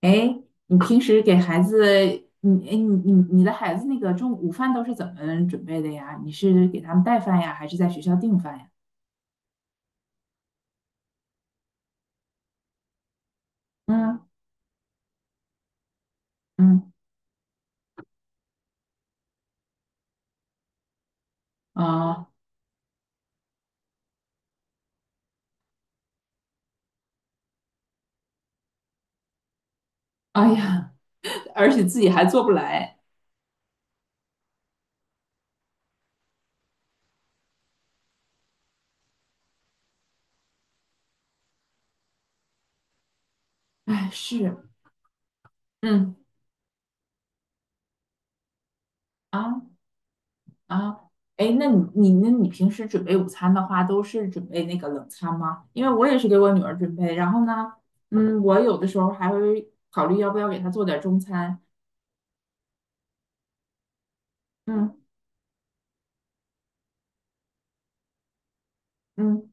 哎，你平时给孩子，你哎你你你的孩子那个中午饭都是怎么准备的呀？你是给他们带饭呀，还是在学校订饭呀？嗯嗯。啊，哎呀，而且自己还做不来。哎，是，嗯，啊，啊，哎，那你平时准备午餐的话，都是准备那个冷餐吗？因为我也是给我女儿准备，然后呢，嗯，我有的时候还会考虑要不要给她做点中餐。嗯嗯，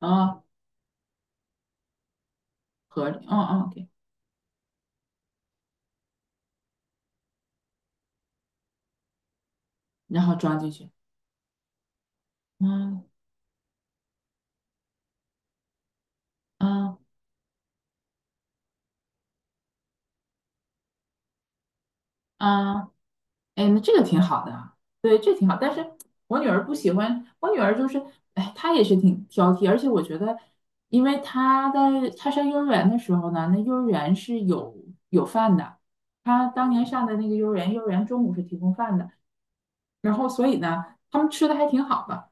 啊，合理，嗯嗯。然后装进去。嗯嗯嗯。哎，那这个挺好的啊，对，这挺好。但是我女儿不喜欢，我女儿就是，哎，她也是挺挑剔，而且我觉得，因为她在她上幼儿园的时候呢，那幼儿园是有饭的，她当年上的那个幼儿园，幼儿园中午是提供饭的，然后所以呢，他们吃的还挺好的。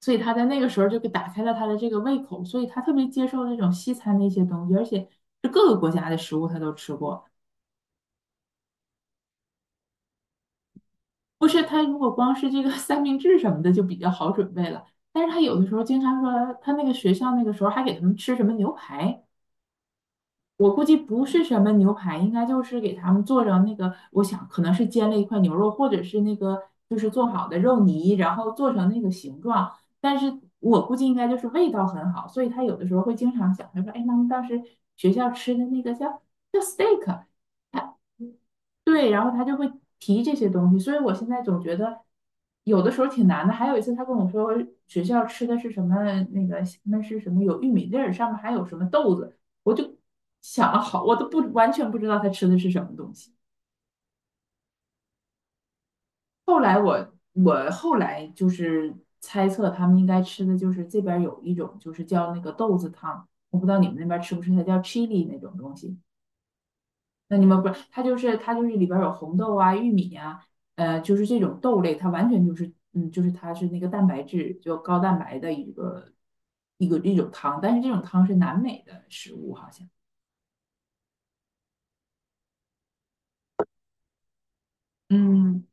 所以她在那个时候就给打开了她的这个胃口，所以她特别接受那种西餐的一些东西，而且是各个国家的食物她都吃过。不是，他如果光是这个三明治什么的就比较好准备了，但是他有的时候经常说，他那个学校那个时候还给他们吃什么牛排。我估计不是什么牛排，应该就是给他们做成那个，我想可能是煎了一块牛肉，或者是那个就是做好的肉泥，然后做成那个形状。但是我估计应该就是味道很好，所以他有的时候会经常讲，他说："哎，妈妈当时学校吃的那个叫steak。"他对，然后他就会提这些东西。所以我现在总觉得有的时候挺难的。还有一次他跟我说学校吃的是什么，那个那是什么有玉米粒儿，上面还有什么豆子。我就想了好，我都不完全不知道他吃的是什么东西。后来我就是猜测他们应该吃的就是这边有一种就是叫那个豆子汤，我不知道你们那边吃不吃，它叫 chili 那种东西。那你们不是，它就是里边有红豆啊、玉米呀、就是这种豆类，它完全就是就是它是那个蛋白质就高蛋白的一个一种汤，但是这种汤是南美的食物好像。嗯，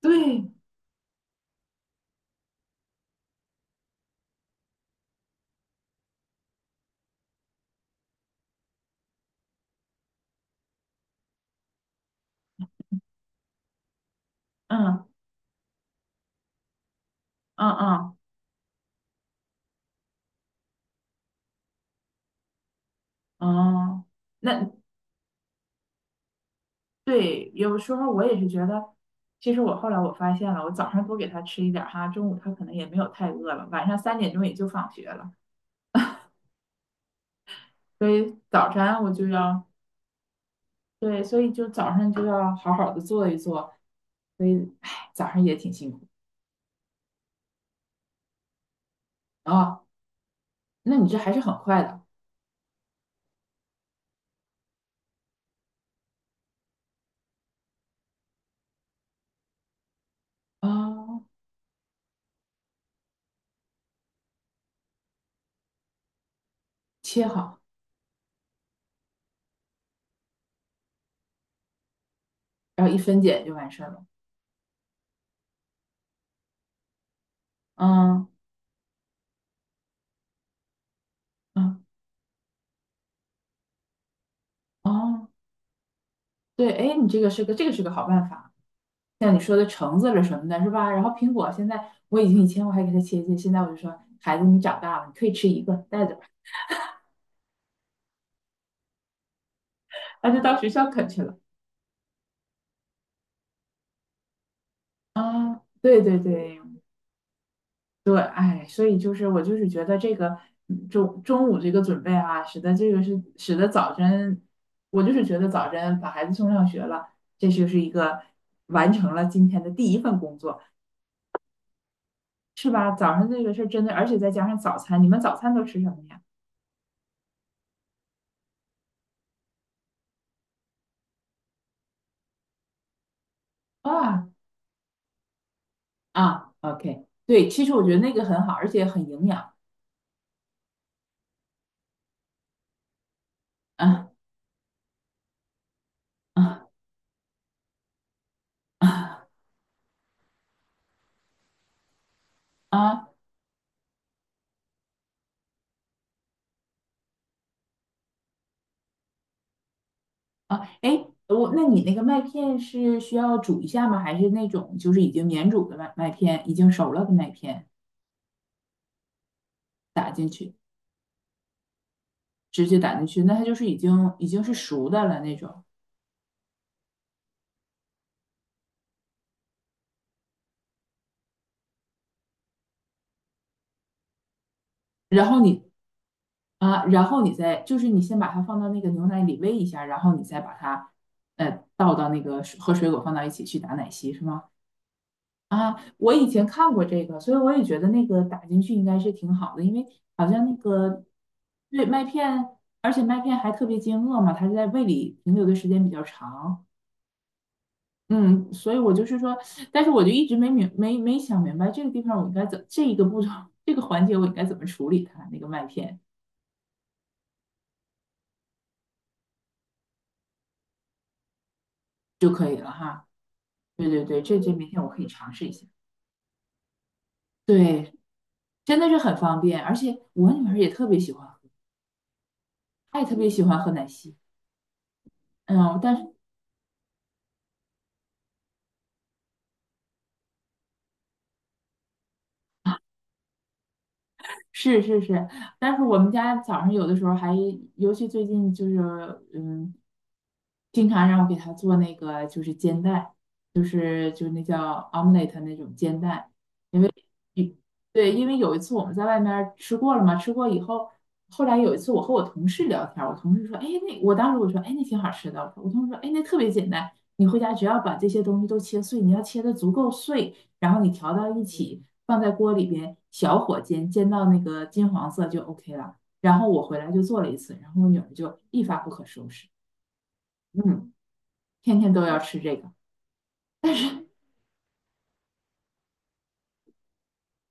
对，嗯嗯嗯。哦，那对，有时候我也是觉得，其实我后来我发现了，我早上多给他吃一点儿哈，中午他可能也没有太饿了，晚上三点钟也就放学了，所以早晨我就要，对，所以就早上就要好好的做一做，所以，唉，早上也挺辛苦啊。那你这还是很快的。哦，切好，然后一分解就完事儿了。嗯嗯，哦，对，哎，你这个是个好办法。像你说的橙子了什么的，是吧？然后苹果现在我已经以前我还给他切切，现在我就说孩子你长大了，你可以吃一个，带着吧。他就到学校啃去了。啊，对对对对。哎，所以就是我就是觉得这个中午这个准备啊，使得这个是使得早晨，我就是觉得早晨把孩子送上学了，这就是一个完成了今天的第一份工作，是吧？早上这个事儿真的，而且再加上早餐，你们早餐都吃什么呀？啊，啊，OK,对，其实我觉得那个很好，而且很营养。啊，啊，啊，啊，啊！哎，我那你那个麦片是需要煮一下吗？还是那种就是已经免煮的麦片，已经熟了的麦片打进去，直接打进去？那它就是已经是熟的了那种。然后你，啊，然后你再就是你先把它放到那个牛奶里喂一下，然后你再把它倒到那个水和水果放到一起去打奶昔，是吗？啊，我以前看过这个，所以我也觉得那个打进去应该是挺好的，因为好像那个对麦片，而且麦片还特别经饿嘛，它在胃里停留的时间比较长。嗯，所以我就是说，但是我就一直没想明白这个地方我应该怎这一个步骤这个环节我应该怎么处理它那个麦片就可以了哈。对对对，这明天我可以尝试一下。对，真的是很方便，而且我女儿也特别喜欢喝，她也特别喜欢喝奶昔。嗯，但是是是是，但是我们家早上有的时候还，尤其最近就是，嗯，经常让我给他做那个就是煎蛋，就是那叫 omelette 那种煎蛋，因为一对，因为有一次我们在外面儿吃过了嘛，吃过以后，后来有一次我和我同事聊天儿，我同事说，哎，那我当时我说，哎，那挺好吃的，我说我同事说，哎，那特别简单，你回家只要把这些东西都切碎，你要切的足够碎，然后你调到一起。放在锅里边，小火煎，煎到那个金黄色就 OK 了。然后我回来就做了一次，然后我女儿就一发不可收拾，嗯，天天都要吃这个。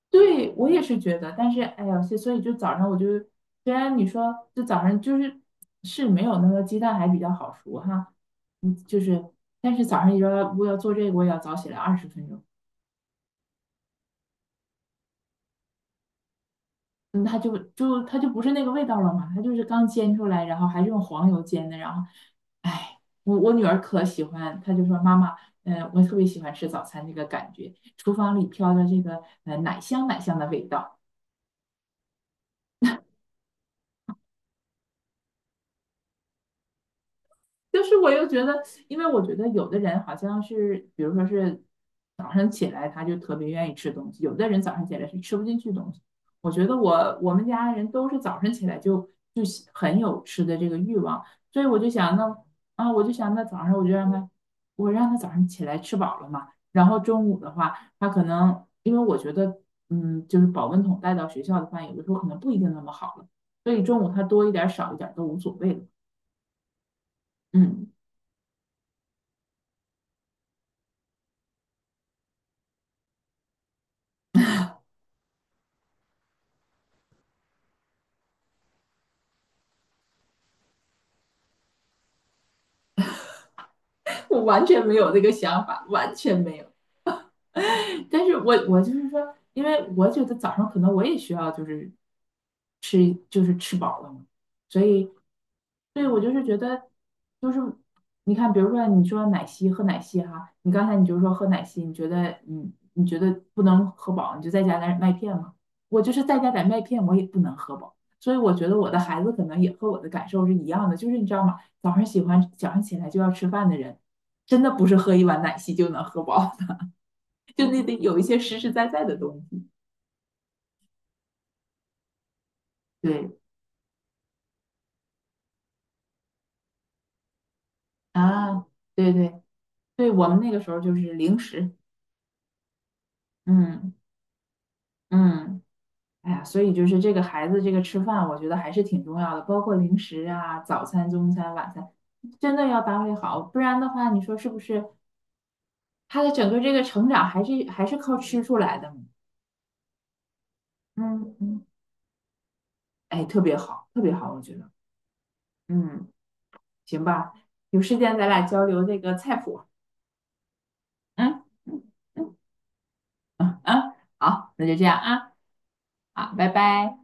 对，我也是觉得，但是哎呀，所以就早上我就，虽然你说就早上就是是没有那个鸡蛋还比较好熟哈，嗯，就是，但是早上你说我要做这个，我也要早起来20分钟，嗯，它就不是那个味道了嘛，它就是刚煎出来，然后还是用黄油煎的，然后哎，我女儿可喜欢，她就说妈妈，嗯、我特别喜欢吃早餐这个感觉，厨房里飘着这个奶香奶香的味道。就是我又觉得，因为我觉得有的人好像是，比如说是早上起来他就特别愿意吃东西，有的人早上起来是吃不进去东西。我觉得我们家人都是早上起来就就很有吃的这个欲望，所以我就想那，啊，我就想那早上我就让他，我让他早上起来吃饱了嘛，然后中午的话，他可能因为我觉得嗯，就是保温桶带到学校的饭有的时候可能不一定那么好了，所以中午他多一点儿少一点儿都无所谓了，嗯。我完全没有这个想法，完全没有。但是我就是说，因为我觉得早上可能我也需要就是就是吃饱了嘛。所以，对，我就是觉得，就是你看，比如说你说奶昔喝奶昔哈，你刚才你就说喝奶昔，你觉得你觉得不能喝饱，你就再加点麦片嘛。我就是再加点麦片，我也不能喝饱。所以我觉得我的孩子可能也和我的感受是一样的，就是你知道吗？早上喜欢早上起来就要吃饭的人，真的不是喝一碗奶昔就能喝饱，就那得有一些实实在在的东西。对啊，对对对，我们那个时候就是零食，嗯嗯，哎呀，所以就是这个孩子这个吃饭，我觉得还是挺重要的，包括零食啊、早餐、中餐、晚餐，真的要搭配好，不然的话，你说是不是他的整个这个成长还是还是靠吃出来的嘛？嗯嗯，哎，特别好，特别好，我觉得，嗯，行吧，有时间咱俩交流这个菜谱，嗯嗯嗯嗯，嗯好，那就这样啊，好，拜拜。